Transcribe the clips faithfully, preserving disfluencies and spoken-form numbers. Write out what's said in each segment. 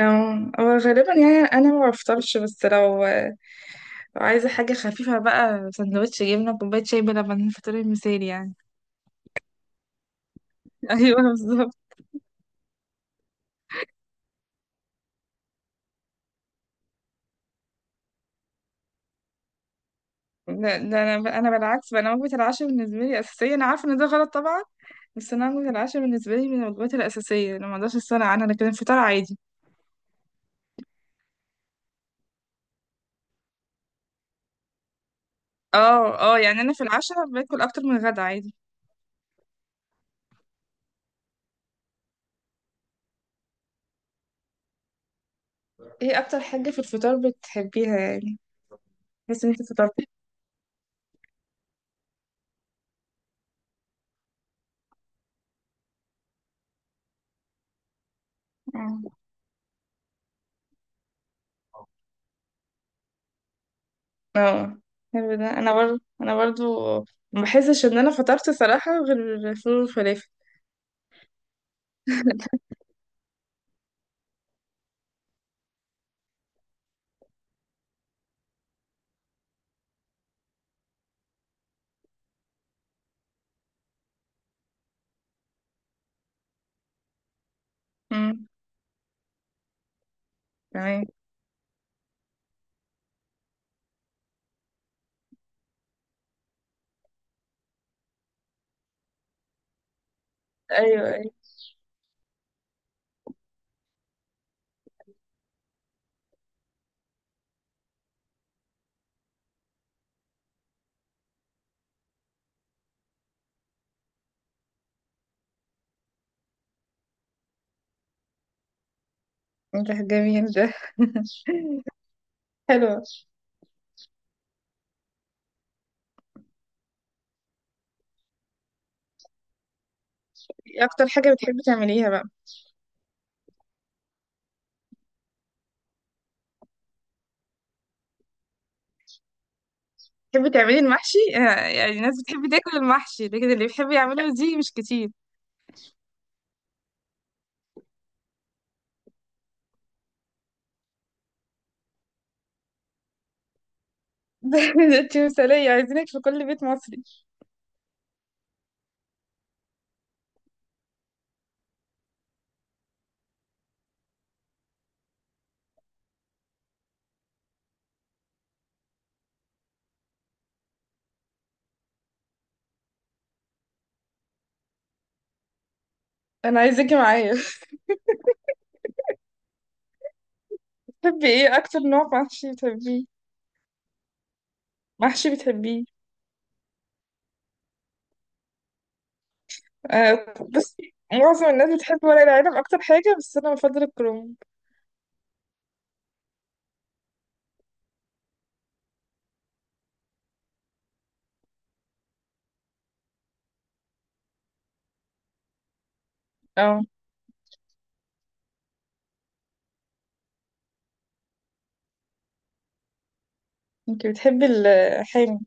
أو- هو غالبا يعني انا ما بفطرش، بس لو لو عايزه حاجه خفيفه بقى سندوتش جبنه كوبايه شاي بلبن، فطوري المثالي يعني. ايوه بالظبط. لا ده انا انا بالعكس بقى، انا وجبه العشاء بالنسبه لي اساسيه، انا عارفه ان ده غلط طبعا، بس انا وجبه العشاء بالنسبه لي من الوجبات الاساسيه، انا ما اقدرش استغنى عنها، لكن الفطار عادي. اه اه، يعني انا في العشاء باكل اكتر من الغدا عادي. ايه اكتر حاجه في الفطار بتحبيها يعني؟ بس انت فطرتي. آه. اه، حلو ده. انا برضو انا برضو ما بحسش ان انا فطرت صراحة غير الفول والفلافل. امم تمام. ايوه ايوه، ده جميل ده. حلو. إيه اكتر حاجة بتحبي تعمليها بقى؟ بتحبي تعملي المحشي، آه، يعني الناس بتحب تاكل المحشي، لكن اللي بيحب يعمله دي مش كتير. ده انت مثالية، عايزينك في كل بيت مصري. انا عايزاكي معايا. بتحبي ايه اكتر نوع محشي بتحبيه؟ محشي بتحبيه؟ آه. بس معظم الناس بتحب ورق العنب اكتر حاجة، بس انا بفضل الكرنب. اه، انت بتحبي الحامي؟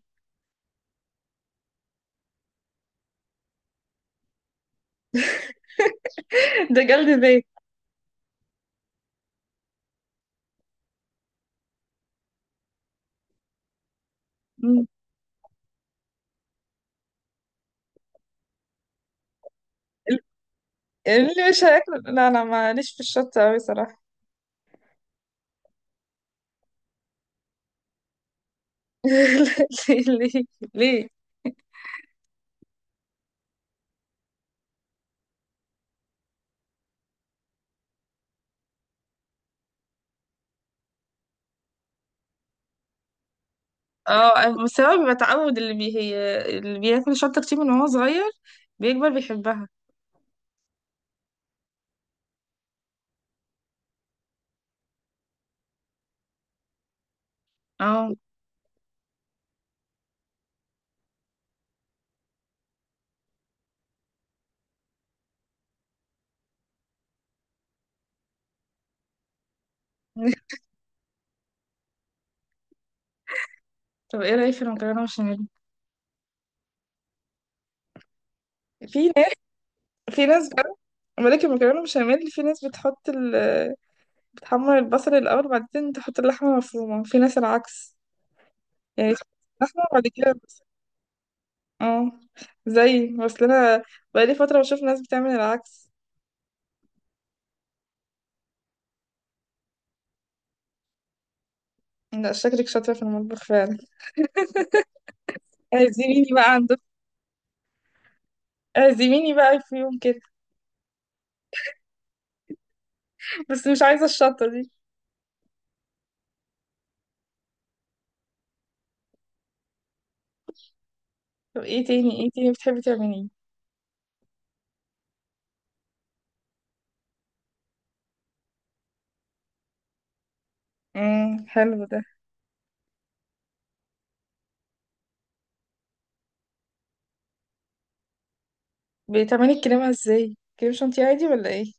ده جلد ذات. مم. اللي مش هياكله، لا انا ماليش في الشطة اوي صراحة. ليه؟ ليه؟ ليه؟ اه، بسبب التعود، اللي بي هي اللي بياكل شطة كتير من وهو صغير بيكبر بيحبها. اه. طب ايه رأيك في المكرونة بشاميل؟ في ناس، في ناس بقى، ملك المكرونة بشاميل، في ناس بتحط ال... بتحمر البصل الأول وبعدين تحط اللحمة المفرومة، في ناس العكس، يعني لحمة وبعد كده. اه، زي اصل انا بقالي فترة بشوف ناس بتعمل العكس. لا، شكلك شاطرة في المطبخ فعلا. اعزميني بقى عندك، اعزميني بقى في يوم كده، بس مش عايزة الشطة دي. طب ايه تاني، ايه تاني بتحبي تعمليه؟ امم حلو ده. بتعملي الكريمة ازاي؟ كريم شانتيه عادي ولا ايه؟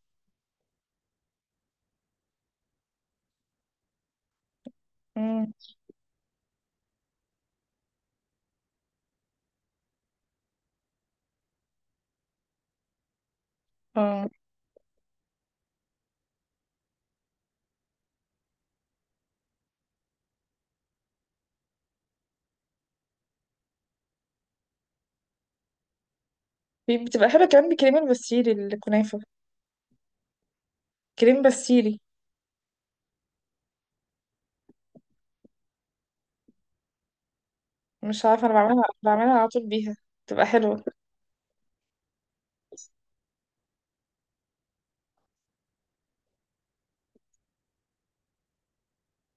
امم. اه، بي- بتبقى حلوة كمان بكريم البسيلي الكنافة. كريم بسيلي. مش عارفة، انا بعملها، بعملها على طول بيها، بتبقى حلوة.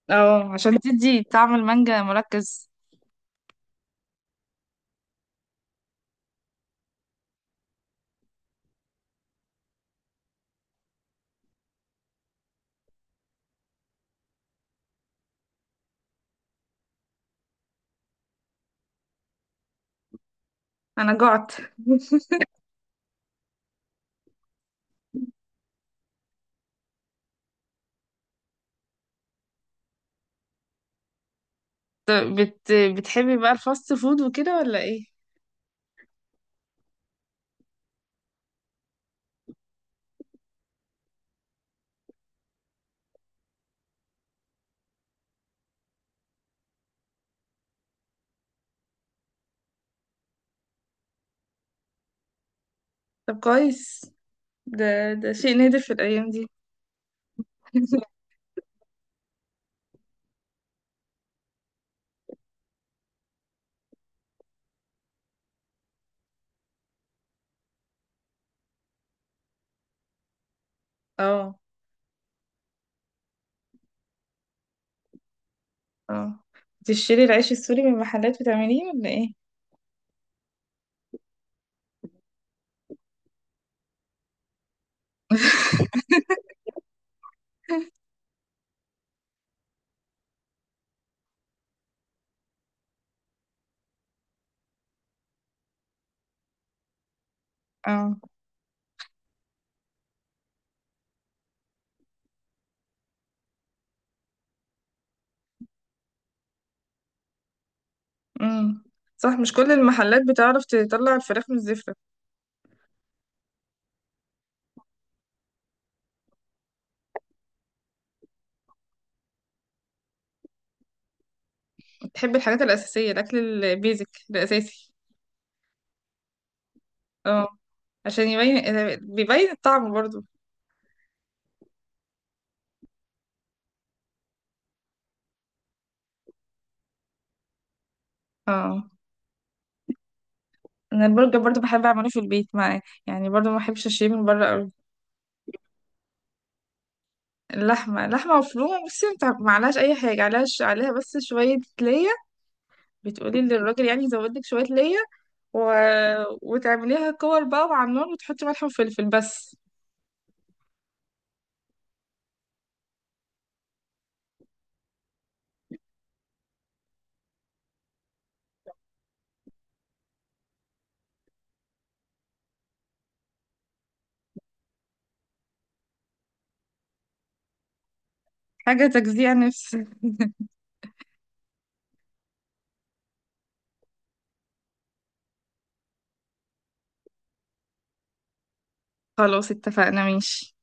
اه، عشان تدي طعم المانجا مركز. انا جعت. طب بت... بتحبي بقى الفاست فود وكده ولا ايه؟ طب كويس، ده ده شيء نادر في الايام دي. اه اه. تشتري العيش السوري من محلات بتعمليه ولا ايه؟ اه. امم صح، مش كل المحلات بتعرف تطلع الفراخ من الزفرة. بتحب الحاجات الأساسية، الأكل البيزك الأساسي. اه، عشان يبين، بيبين الطعم برضو. اه، انا البرجر برضو بحب اعمله في البيت، معاه يعني برضو ما بحبش اشتريه من بره قوي. اللحمة، لحمة مفرومة، بصي انت ما عليهاش أي حاجة، عليها ش- عليها بس شوية ليا. بتقولي للراجل يعني يزود لك شوية ليا و... وتعمليها كور بقى مع النار، وتحطي ملح وفلفل بس. حاجة تجزيع نفسي. خلاص، اتفقنا ماشي.